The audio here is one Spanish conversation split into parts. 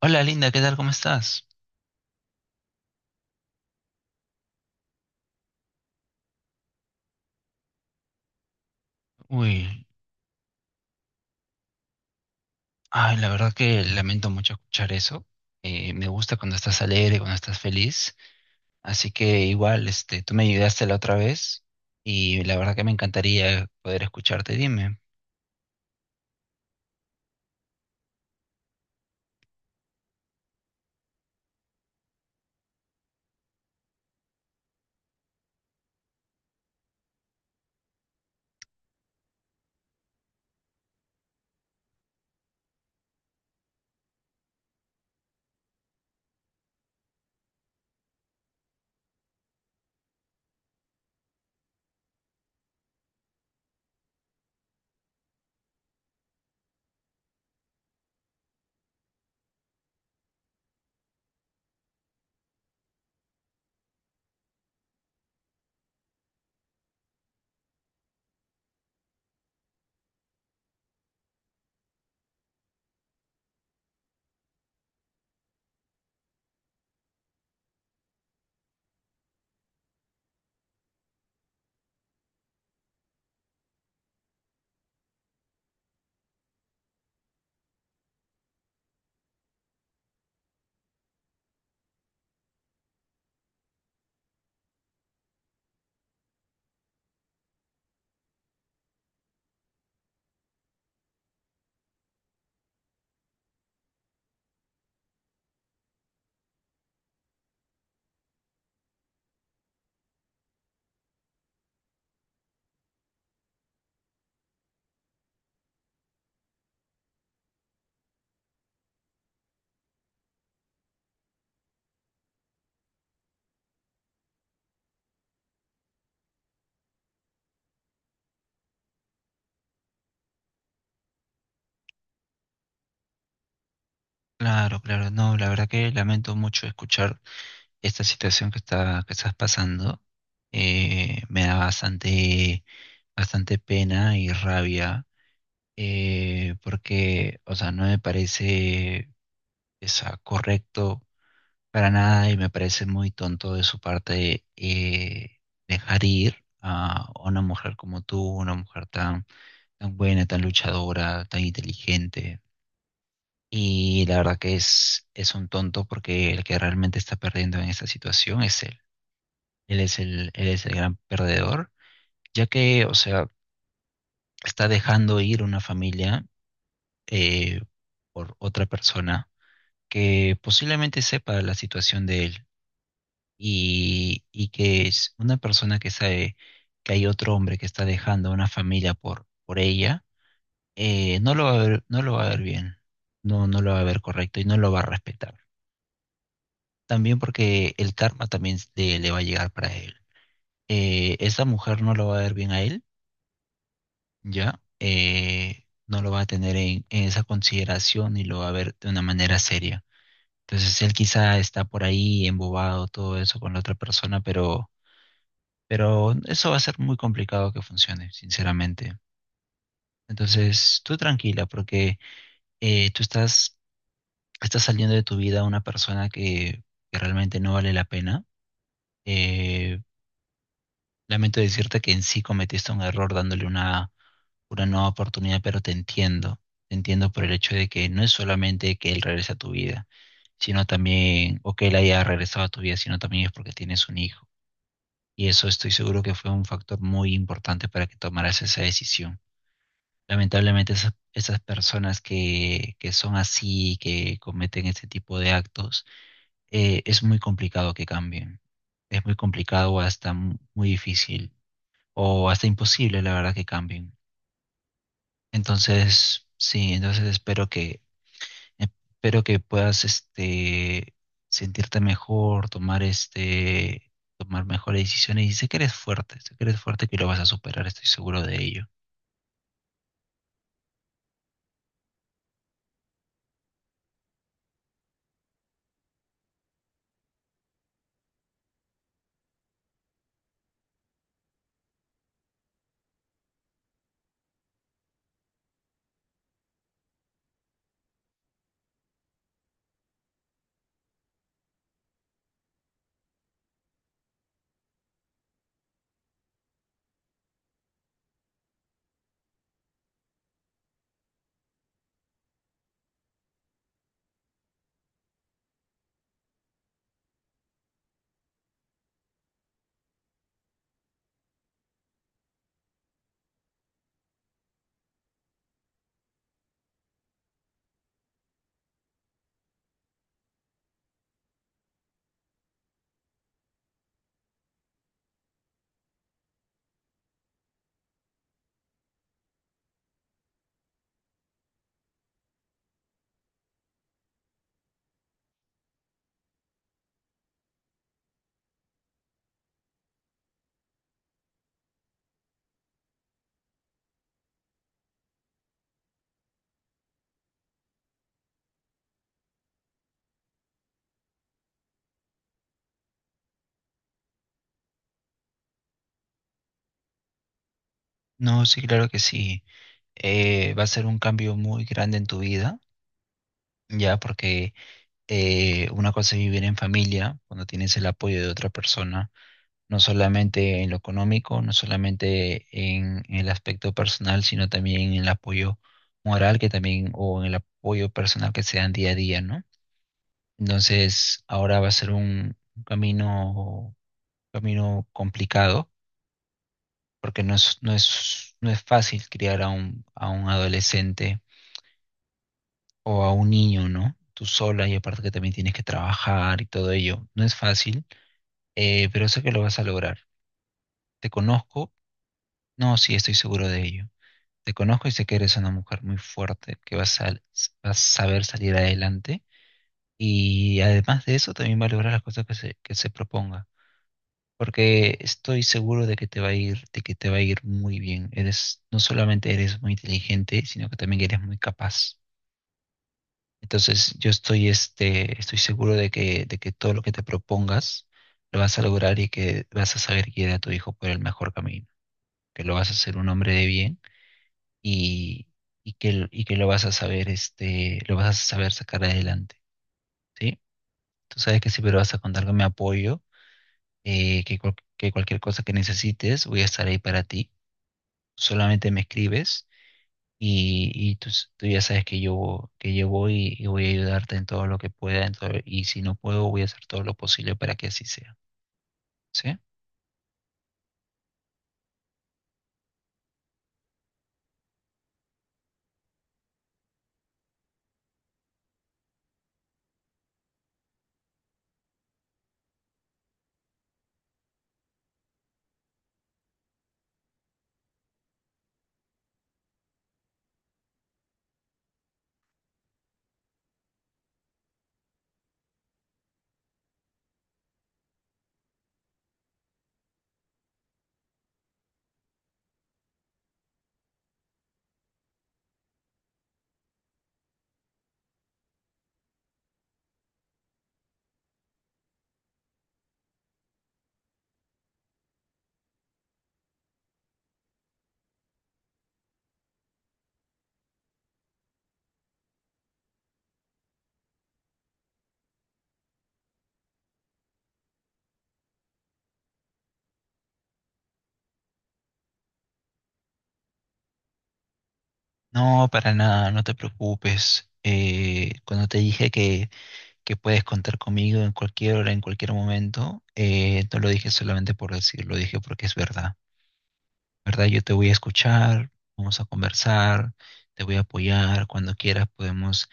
Hola Linda, ¿qué tal? ¿Cómo estás? Uy, ay, la verdad que lamento mucho escuchar eso. Me gusta cuando estás alegre, cuando estás feliz. Así que igual, este, tú me ayudaste la otra vez y la verdad que me encantaría poder escucharte. Dime. Claro, claro, no, la verdad que lamento mucho escuchar esta situación que estás pasando. Me da bastante, bastante pena y rabia, porque, o sea, no me parece, o sea, correcto. Para nada, y me parece muy tonto de su parte, dejar ir a una mujer como tú, una mujer tan, tan buena, tan luchadora, tan inteligente. Y la verdad que es un tonto porque el que realmente está perdiendo en esta situación es él. Él él es el gran perdedor, ya que, o sea, está dejando ir una familia, eh, por otra persona que posiblemente sepa la situación de él y que es una persona que sabe que hay otro hombre que está dejando a una familia por ella. No lo va a ver, no lo va a ver bien, no, no lo va a ver correcto y no lo va a respetar. También porque el karma también le va a llegar para él. Esa mujer no lo va a ver bien a él, ¿ya? No lo va a tener en esa consideración y lo va a ver de una manera seria. Entonces él quizá está por ahí embobado, todo eso con la otra persona, pero eso va a ser muy complicado que funcione, sinceramente. Entonces, tú tranquila, porque, tú estás, estás saliendo de tu vida una persona que realmente no vale la pena. Eh, Lamento decirte que en sí cometiste un error dándole una nueva oportunidad, pero te entiendo. Te entiendo por el hecho de que no es solamente que él regrese a tu vida, sino también, o que él haya regresado a tu vida, sino también es porque tienes un hijo. Y eso estoy seguro que fue un factor muy importante para que tomaras esa decisión. Lamentablemente esas, esas personas que son así, que cometen este tipo de actos, es muy complicado que cambien. Es muy complicado o hasta muy difícil o hasta imposible, la verdad, que cambien. Entonces, sí, entonces espero que puedas, este, sentirte mejor, tomar, este, tomar mejores decisiones, y sé que eres fuerte, sé que eres fuerte que lo vas a superar, estoy seguro de ello. No, sí, claro que sí. Va a ser un cambio muy grande en tu vida, ya, porque, una cosa es vivir en familia, cuando tienes el apoyo de otra persona, no solamente en lo económico, no solamente en el aspecto personal, sino también en el apoyo moral que también, o en el apoyo personal que se dan día a día, ¿no? Entonces, ahora va a ser un camino, camino complicado, porque no es fácil criar a a un adolescente o a un niño, ¿no? Tú sola, y aparte que también tienes que trabajar y todo ello. No es fácil, pero sé que lo vas a lograr. Te conozco, no, sí, estoy seguro de ello. Te conozco y sé que eres una mujer muy fuerte, que vas a saber salir adelante, y además de eso también va a lograr las cosas que se proponga. Porque estoy seguro de que te va a ir, de que te va a ir muy bien. Eres, no solamente eres muy inteligente, sino que también eres muy capaz. Entonces, yo estoy, este, estoy seguro de que todo lo que te propongas lo vas a lograr, y que vas a saber guiar a tu hijo por el mejor camino, que lo vas a hacer un hombre de bien y, y que lo vas a saber, este, lo vas a saber sacar adelante, ¿sí? Tú sabes que siempre vas a contar con mi apoyo, que cualquier cosa que necesites voy a estar ahí para ti. Solamente me escribes. Y tú, tú ya sabes que yo voy y voy a ayudarte en todo lo que pueda, y si no puedo, voy a hacer todo lo posible para que así sea. ¿Sí? No, para nada, no te preocupes. Cuando te dije que puedes contar conmigo en cualquier hora, en cualquier momento, no lo dije solamente por decir, lo dije porque es verdad. ¿Verdad? Yo te voy a escuchar, vamos a conversar, te voy a apoyar, cuando quieras podemos,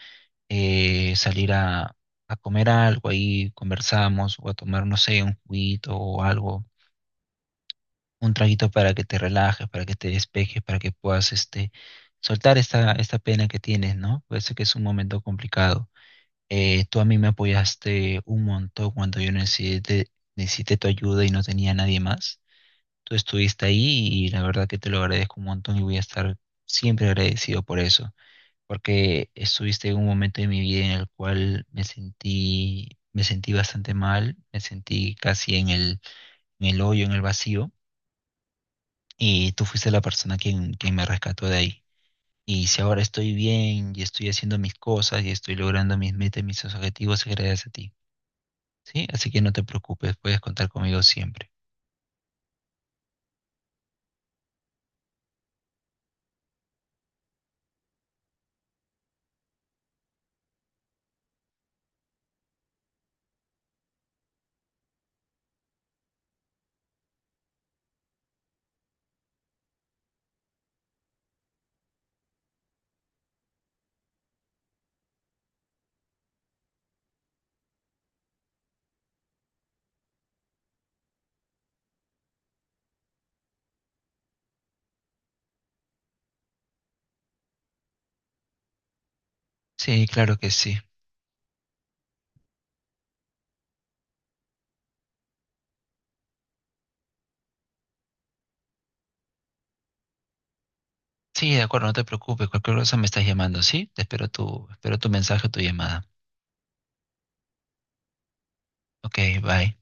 salir a comer algo, ahí conversamos, o a tomar, no sé, un juguito o algo, un traguito para que te relajes, para que te despejes, para que puedas, este, soltar esta, esta pena que tienes, ¿no? Puede ser que es un momento complicado. Tú a mí me apoyaste un montón cuando yo necesité, necesité tu ayuda y no tenía nadie más. Tú estuviste ahí y la verdad que te lo agradezco un montón, y voy a estar siempre agradecido por eso, porque estuviste en un momento de mi vida en el cual me sentí bastante mal, me sentí casi en el hoyo, en el vacío, y tú fuiste la persona quien, quien me rescató de ahí. Y si ahora estoy bien y estoy haciendo mis cosas y estoy logrando mis metas y mis objetivos, es gracias a ti, ¿sí? Así que no te preocupes, puedes contar conmigo siempre. Sí, claro que sí. Sí, de acuerdo, no te preocupes, cualquier cosa me estás llamando, ¿sí? Espero tu mensaje o tu llamada. Ok, bye.